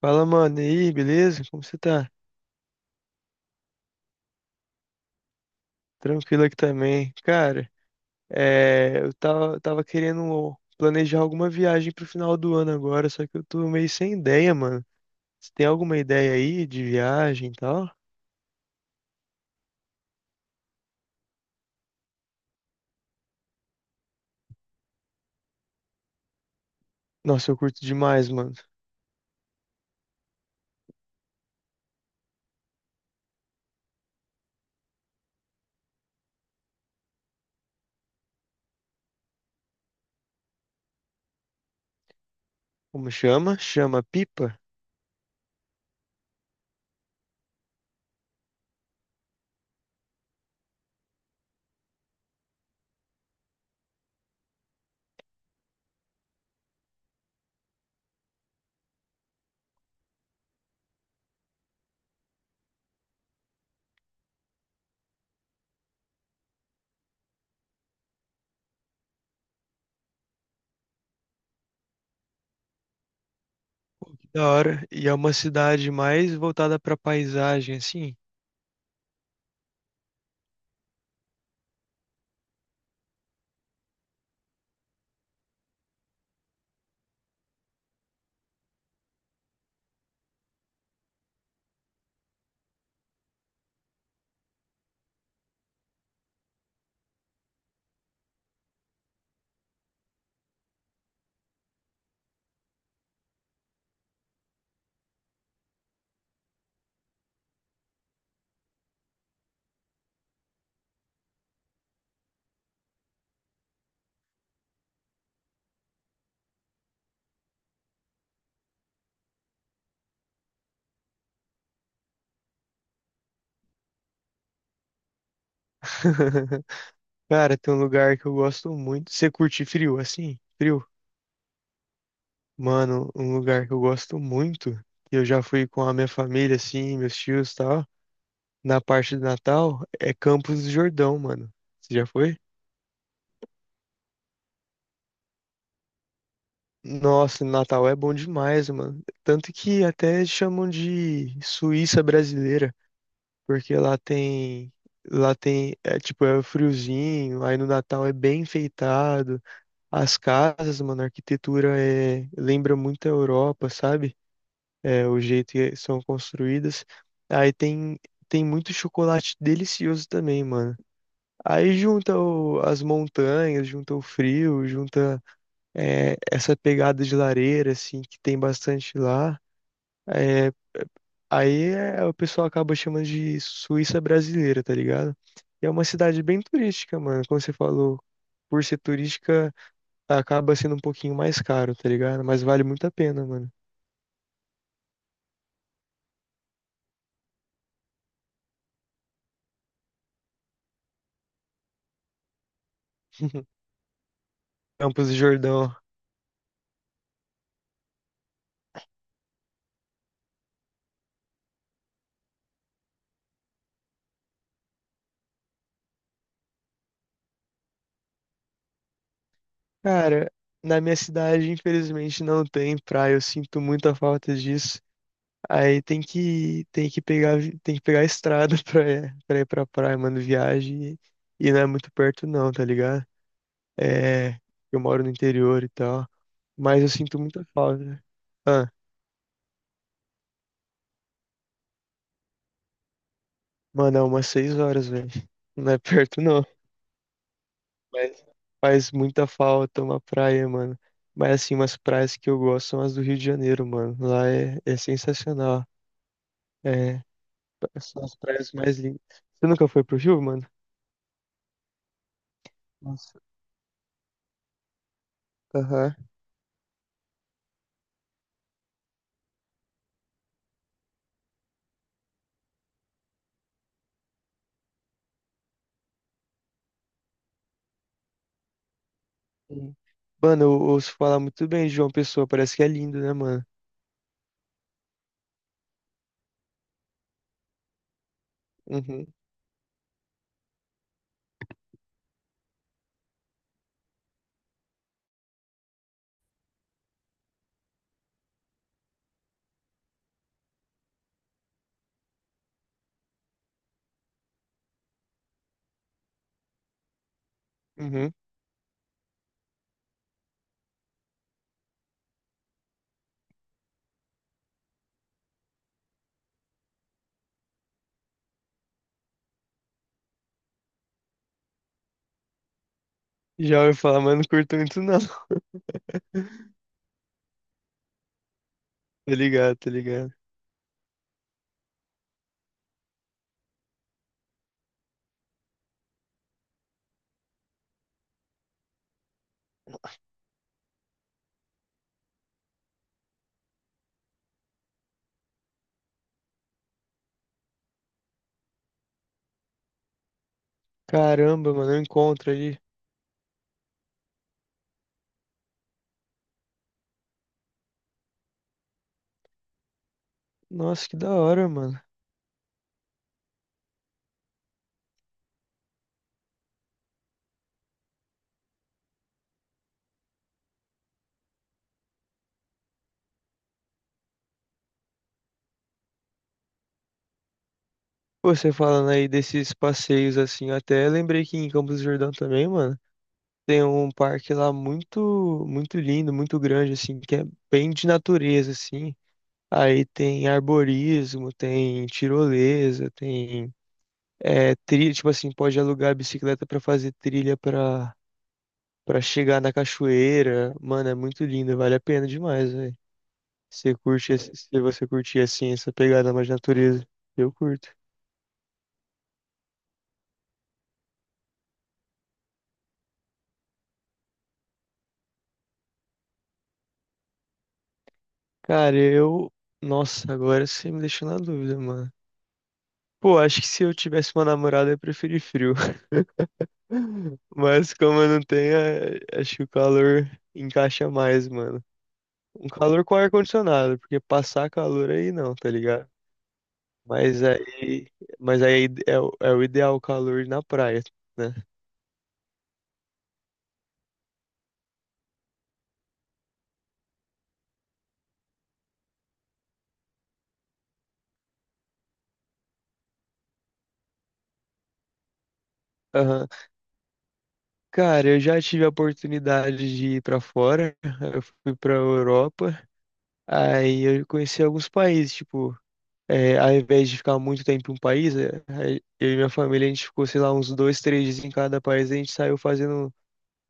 Fala, mano, e aí, beleza? Como você tá? Tranquilo aqui também. Cara, eu tava querendo planejar alguma viagem pro final do ano agora, só que eu tô meio sem ideia, mano. Você tem alguma ideia aí de viagem e tal? Nossa, eu curto demais, mano. Como chama? Chama Pipa? Da hora. E é uma cidade mais voltada pra paisagem, assim. Cara, tem um lugar que eu gosto muito. Você curte frio, assim? Frio? Mano, um lugar que eu gosto muito, que eu já fui com a minha família, assim, meus tios e tal, na parte do Natal, é Campos do Jordão, mano. Você já foi? Nossa, Natal é bom demais, mano. Tanto que até chamam de Suíça brasileira, porque lá tem, é tipo, é friozinho, aí no Natal é bem enfeitado. As casas, mano, a arquitetura é, lembra muito a Europa, sabe? É, o jeito que são construídas. Aí tem, tem muito chocolate delicioso também, mano. Aí junta as montanhas, junta o frio, junta é, essa pegada de lareira, assim, que tem bastante lá. É, o pessoal acaba chamando de Suíça brasileira, tá ligado? E é uma cidade bem turística, mano. Como você falou, por ser turística, acaba sendo um pouquinho mais caro, tá ligado? Mas vale muito a pena, mano. Campos do Jordão. Cara, na minha cidade, infelizmente, não tem praia. Eu sinto muita falta disso. Aí tem que pegar a estrada pra ir pra praia, mano, viagem. E não é muito perto não, tá ligado? É, eu moro no interior e tal. Mas eu sinto muita falta. Ah, mano, é umas 6 horas, velho. Não é perto não. Mas faz muita falta uma praia, mano. Mas assim, umas praias que eu gosto são as do Rio de Janeiro, mano. Lá é, é sensacional. É, são as praias mais lindas. Você nunca foi pro Rio, mano? Nossa. Aham. Sim. Mano, eu ouço falar muito bem de João Pessoa, parece que é lindo, né, mano? Uhum, uhum. Já ouvi falar, mas não curto muito, não. Tá ligado, tá ligado. Caramba, mano, eu encontro ali. Nossa, que da hora, mano. Pô, você falando aí desses passeios assim, eu até lembrei que em Campos do Jordão também, mano, tem um parque lá muito, muito lindo, muito grande, assim, que é bem de natureza, assim. Aí tem arborismo, tem tirolesa, tem é, trilha, tipo assim, pode alugar a bicicleta pra fazer trilha pra para chegar na cachoeira. Mano, é muito lindo, vale a pena demais, velho. Você curte, se você curtir assim essa pegada mais natureza, eu curto. Cara, eu, nossa, agora você me deixou na dúvida, mano. Pô, acho que se eu tivesse uma namorada, eu preferia frio. Mas como eu não tenho, acho que o calor encaixa mais, mano. Um calor com ar-condicionado, porque passar calor aí não, tá ligado? Mas aí, mas aí é, é o ideal calor na praia, né? Aham. Cara, eu já tive a oportunidade de ir pra fora, eu fui pra Europa, aí eu conheci alguns países, tipo, é, ao invés de ficar muito tempo em um país, é, aí eu e minha família, a gente ficou, sei lá, uns dois, três dias em cada país, a gente saiu fazendo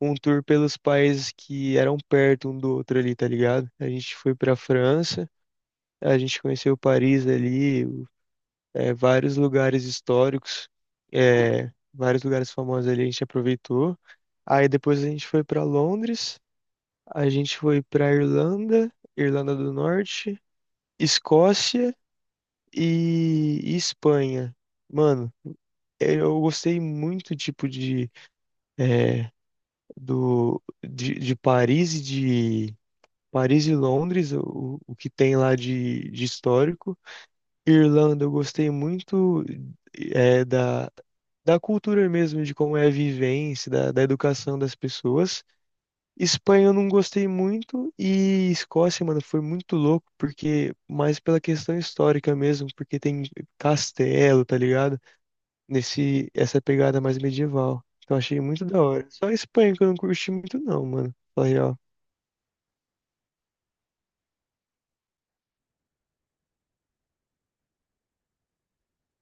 um tour pelos países que eram perto um do outro ali, tá ligado? A gente foi pra França, a gente conheceu Paris ali, é, vários lugares históricos, é, vários lugares famosos ali a gente aproveitou. Aí depois a gente foi para Londres, a gente foi para Irlanda, Irlanda do Norte, Escócia e Espanha. Mano, eu gostei muito tipo de é, do de, de Paris e de Paris e Londres, o que tem lá de histórico. Irlanda, eu gostei muito é, da, da cultura mesmo, de como é a vivência, da, da educação das pessoas. Espanha eu não gostei muito e Escócia, mano, foi muito louco, porque mais pela questão histórica mesmo, porque tem castelo, tá ligado? Essa pegada mais medieval. Então achei muito da hora. Só a Espanha que eu não curti muito não, mano. Falei, ó,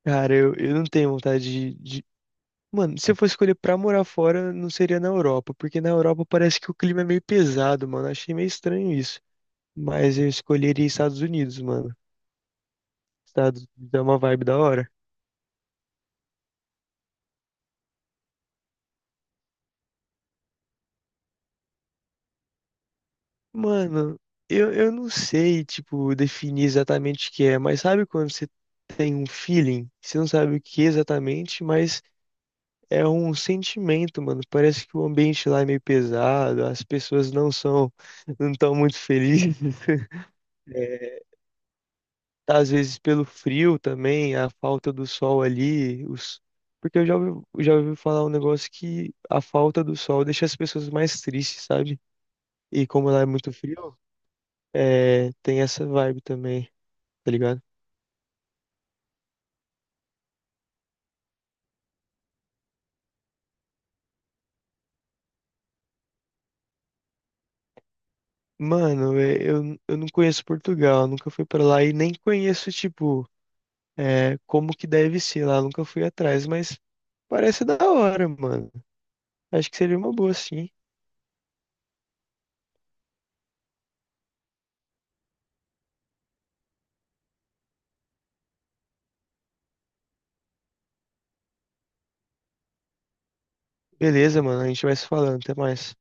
cara, eu não tenho vontade de, mano, se eu fosse escolher pra morar fora, não seria na Europa, porque na Europa parece que o clima é meio pesado, mano. Achei meio estranho isso. Mas eu escolheria Estados Unidos, mano. Estados dá uma vibe da hora. Mano, eu não sei, tipo, definir exatamente o que é, mas sabe quando você tem um feeling? Você não sabe o que exatamente, mas é um sentimento, mano. Parece que o ambiente lá é meio pesado, as pessoas não são, não estão muito felizes. Tá, às vezes pelo frio também, a falta do sol ali, os... porque eu já ouvi falar um negócio que a falta do sol deixa as pessoas mais tristes, sabe? E como lá é muito frio, é, tem essa vibe também, tá ligado? Mano, é, eu não conheço Portugal, nunca fui pra lá e nem conheço, tipo, é, como que deve ser lá, nunca fui atrás, mas parece da hora, mano. Acho que seria uma boa, sim. Beleza, mano, a gente vai se falando, até mais.